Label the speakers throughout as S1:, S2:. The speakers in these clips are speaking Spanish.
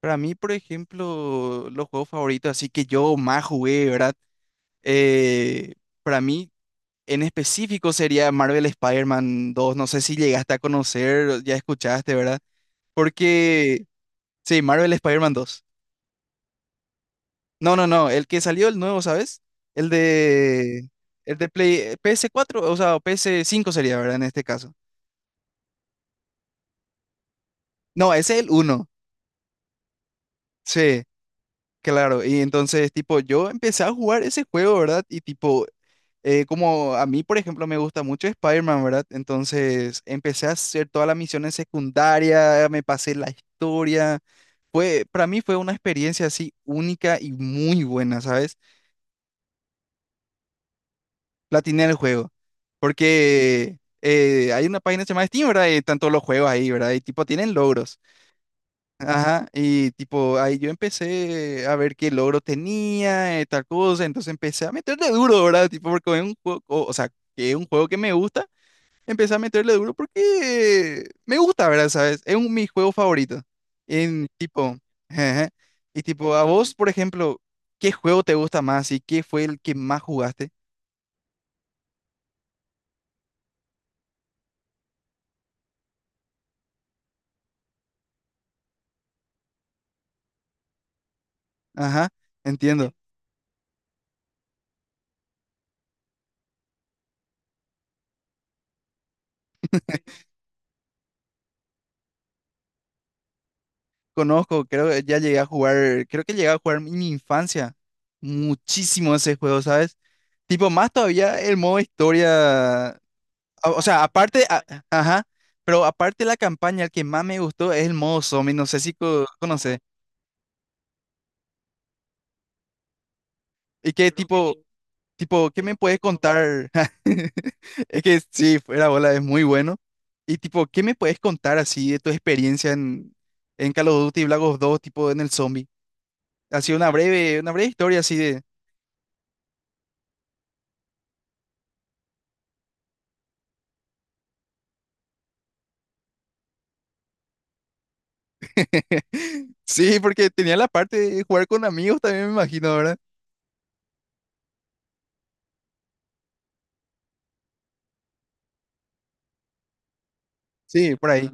S1: Para mí, por ejemplo, los juegos favoritos, así que yo más jugué, ¿verdad? Eh, para mí, en específico, sería Marvel Spider-Man 2. No sé si llegaste a conocer, ya escuchaste, ¿verdad? Porque, sí, Marvel Spider-Man 2. No, no, no, el que salió el nuevo, ¿sabes? El de, el de Play, PS4, o sea, PS5 sería, ¿verdad? En este caso. No, ese es el uno. Sí. Claro, y entonces, tipo, yo empecé a jugar ese juego, ¿verdad? Y tipo, como a mí, por ejemplo, me gusta mucho Spider-Man, ¿verdad? Entonces, empecé a hacer todas las misiones secundarias, me pasé la historia. Para mí fue una experiencia así única y muy buena, ¿sabes? Platiné el juego. Porque hay una página que se llama Steam, ¿verdad? Y están todos los juegos ahí, ¿verdad? Y tipo, tienen logros. Ajá, y tipo, ahí yo empecé a ver qué logro tenía, tal cosa, entonces empecé a meterle duro, ¿verdad? Tipo, porque es un juego, o sea, que es un juego que me gusta, empecé a meterle duro porque me gusta, ¿verdad? ¿Sabes? Mi juego favorito. En tipo, ajá. Y tipo, a vos, por ejemplo, ¿qué juego te gusta más y qué fue el que más jugaste? Ajá, entiendo. Conozco, creo que ya llegué a jugar, creo que llegué a jugar en mi infancia muchísimo ese juego, ¿sabes? Tipo, más todavía el modo historia. O sea, aparte, ajá, pero aparte de la campaña, el que más me gustó es el modo zombie, no sé si conoces. Y que tipo, tipo, ¿qué me puedes contar? Es que sí, fuera bola, es muy bueno. Y tipo, ¿qué me puedes contar así de tu experiencia en Call of Duty Black Ops dos, tipo en el zombie? Así una breve historia así de. Sí, porque tenía la parte de jugar con amigos también, me imagino, ¿verdad? Sí, por ahí.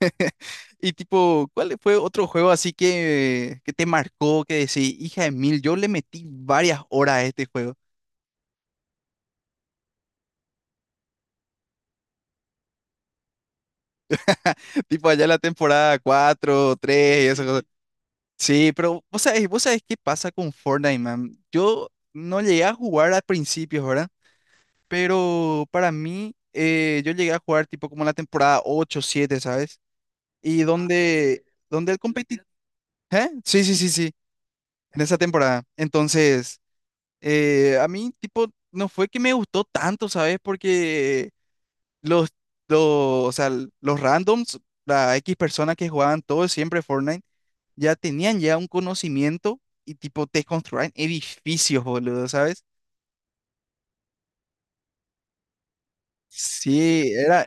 S1: Y tipo, ¿cuál fue otro juego así que te marcó, que decís, hija de mil, yo le metí varias horas a este juego? Tipo allá la temporada cuatro 3 y esas cosas. Sí, pero vos sabés qué pasa con Fortnite, man. Yo no llegué a jugar al principio, ¿verdad? Pero para mí, yo llegué a jugar tipo como la temporada 8 siete, ¿sabes? Y donde el competitivo... ¿Eh? Sí, sí, sí, sí, en esa temporada. Entonces... A mí, tipo, no fue que me gustó tanto, ¿sabes? Porque los, o sea, los randoms, la X personas que jugaban todo siempre Fortnite, ya tenían ya un conocimiento y, tipo, te construían edificios, boludo, ¿sabes? Sí, era,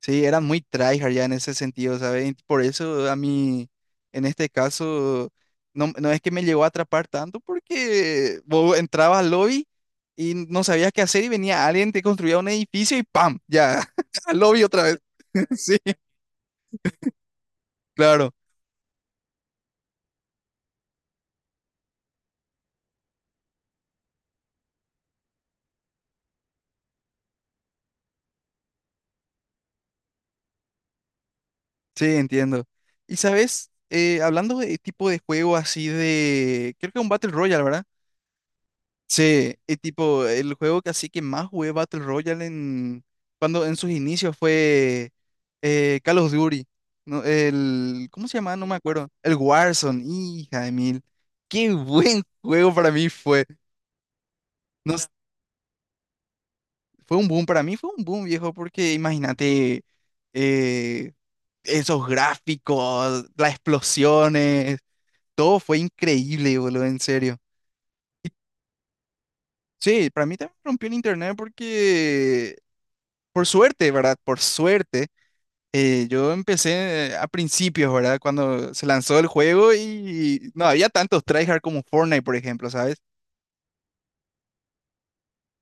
S1: Sí, eran muy tryhard ya en ese sentido, ¿sabes? Por eso a mí, en este caso, no, no es que me llegó a atrapar tanto porque vos entrabas al lobby y no sabías qué hacer y venía alguien, te construía un edificio y ¡pam! Ya, al lobby otra vez. Sí, claro, sí, entiendo. Y sabes, hablando de tipo de juego así de, creo que un Battle Royale, ¿verdad? Sí, y tipo, el juego que así que más jugué Battle Royale cuando en sus inicios fue Call of Duty. No, el, ¿cómo se llamaba? No me acuerdo. El Warzone, hija de mil. Qué buen juego para mí fue. No, fue un boom, para mí fue un boom, viejo, porque imagínate eh, esos gráficos, las explosiones, todo fue increíble, boludo, en serio. Y sí, para mí también rompió el internet porque, por suerte, ¿verdad? Por suerte, yo empecé a principios, ¿verdad? Cuando se lanzó el juego y no había tantos tryhard como Fortnite, por ejemplo, ¿sabes?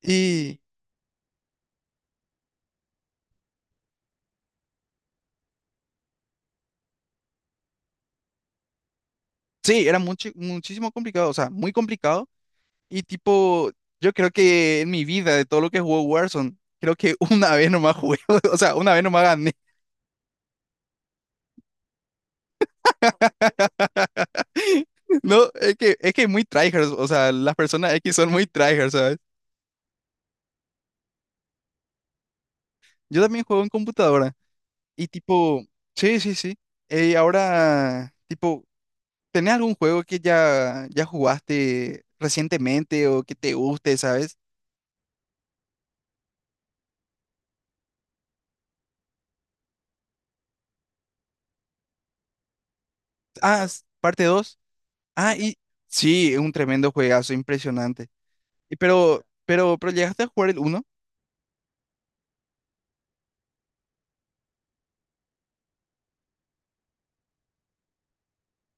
S1: Y sí, era mucho, muchísimo complicado, o sea, muy complicado. Y tipo, yo creo que en mi vida, de todo lo que jugó Warzone, creo que una vez nomás jugué, o sea, una vez nomás gané. No, es que muy tryhards, o sea, las personas X son muy tryhards, ¿sabes? Yo también juego en computadora. Y tipo, sí, sí, sí. Ahora, tipo, ¿tenés algún juego que ya jugaste recientemente o que te guste, sabes? Ah, parte dos. Ah, y sí, es un tremendo juegazo, impresionante. Y pero llegaste a jugar el uno.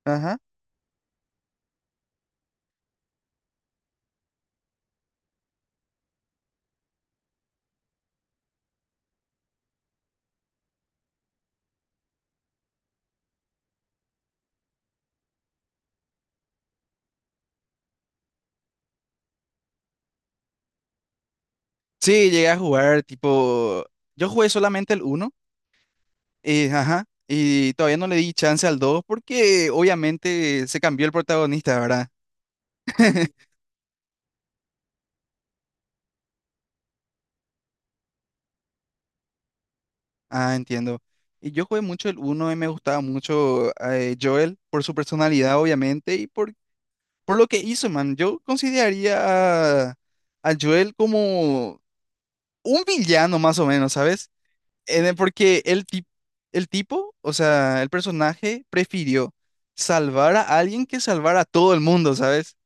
S1: Ajá. Sí, llegué a jugar, tipo, yo jugué solamente el uno, ajá. Y todavía no le di chance al 2 porque obviamente se cambió el protagonista, ¿verdad? Ah, entiendo. Y yo jugué mucho el uno y me gustaba mucho, Joel por su personalidad, obviamente, por lo que hizo, man. Yo consideraría a Joel como un villano, más o menos, ¿sabes? Porque el, el tipo, o sea, el personaje prefirió salvar a alguien que salvar a todo el mundo, ¿sabes?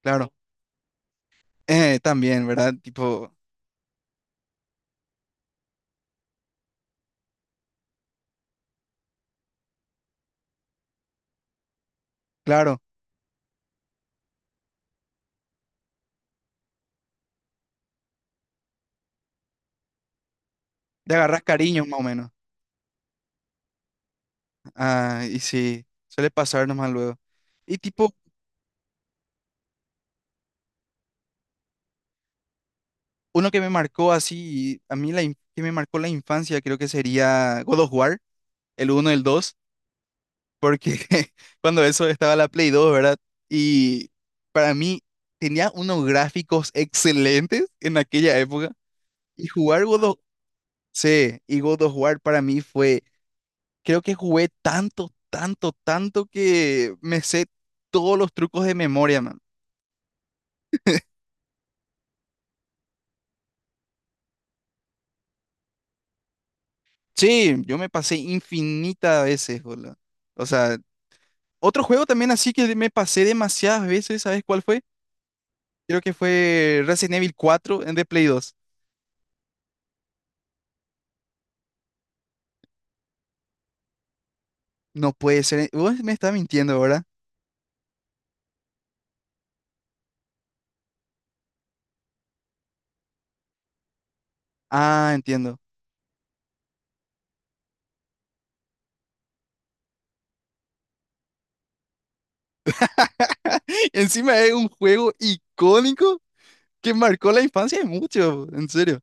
S1: Claro. También, ¿verdad? Tipo, claro, le agarras cariño, más o menos. Ah, y sí, suele pasar nomás luego. Y tipo, uno que me marcó así, a mí la que me marcó la infancia creo que sería God of War, el uno, el dos, porque cuando eso estaba la Play dos, ¿verdad? Y para mí tenía unos gráficos excelentes en aquella época y jugar sí, y God of War para mí fue, creo que jugué tanto, tanto, tanto que me sé todos los trucos de memoria, man. Sí, yo me pasé infinitas veces, boludo. O sea, otro juego también así que me pasé demasiadas veces, ¿sabes cuál fue? Creo que fue Resident Evil 4 en de Play 2. No puede ser. Vos me estás mintiendo, ¿verdad? Ah, entiendo. Encima es un juego icónico que marcó la infancia de mucho, en serio.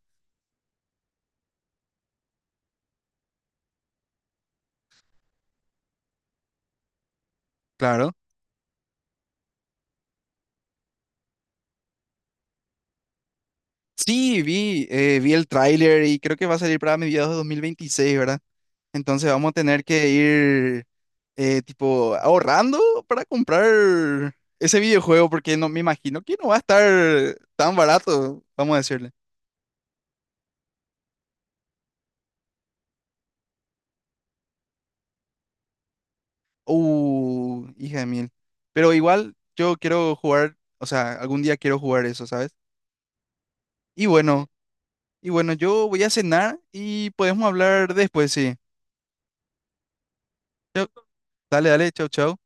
S1: Claro. Sí, vi, vi el tráiler y creo que va a salir para mediados de 2026, ¿verdad? Entonces vamos a tener que ir, tipo ahorrando para comprar ese videojuego porque no me imagino que no va a estar tan barato, vamos a decirle. Hija de mil. Pero igual yo quiero jugar, o sea, algún día quiero jugar eso, ¿sabes? Y bueno, y bueno, yo voy a cenar y podemos hablar después, sí. Yo- Dale, dale, chau, chau.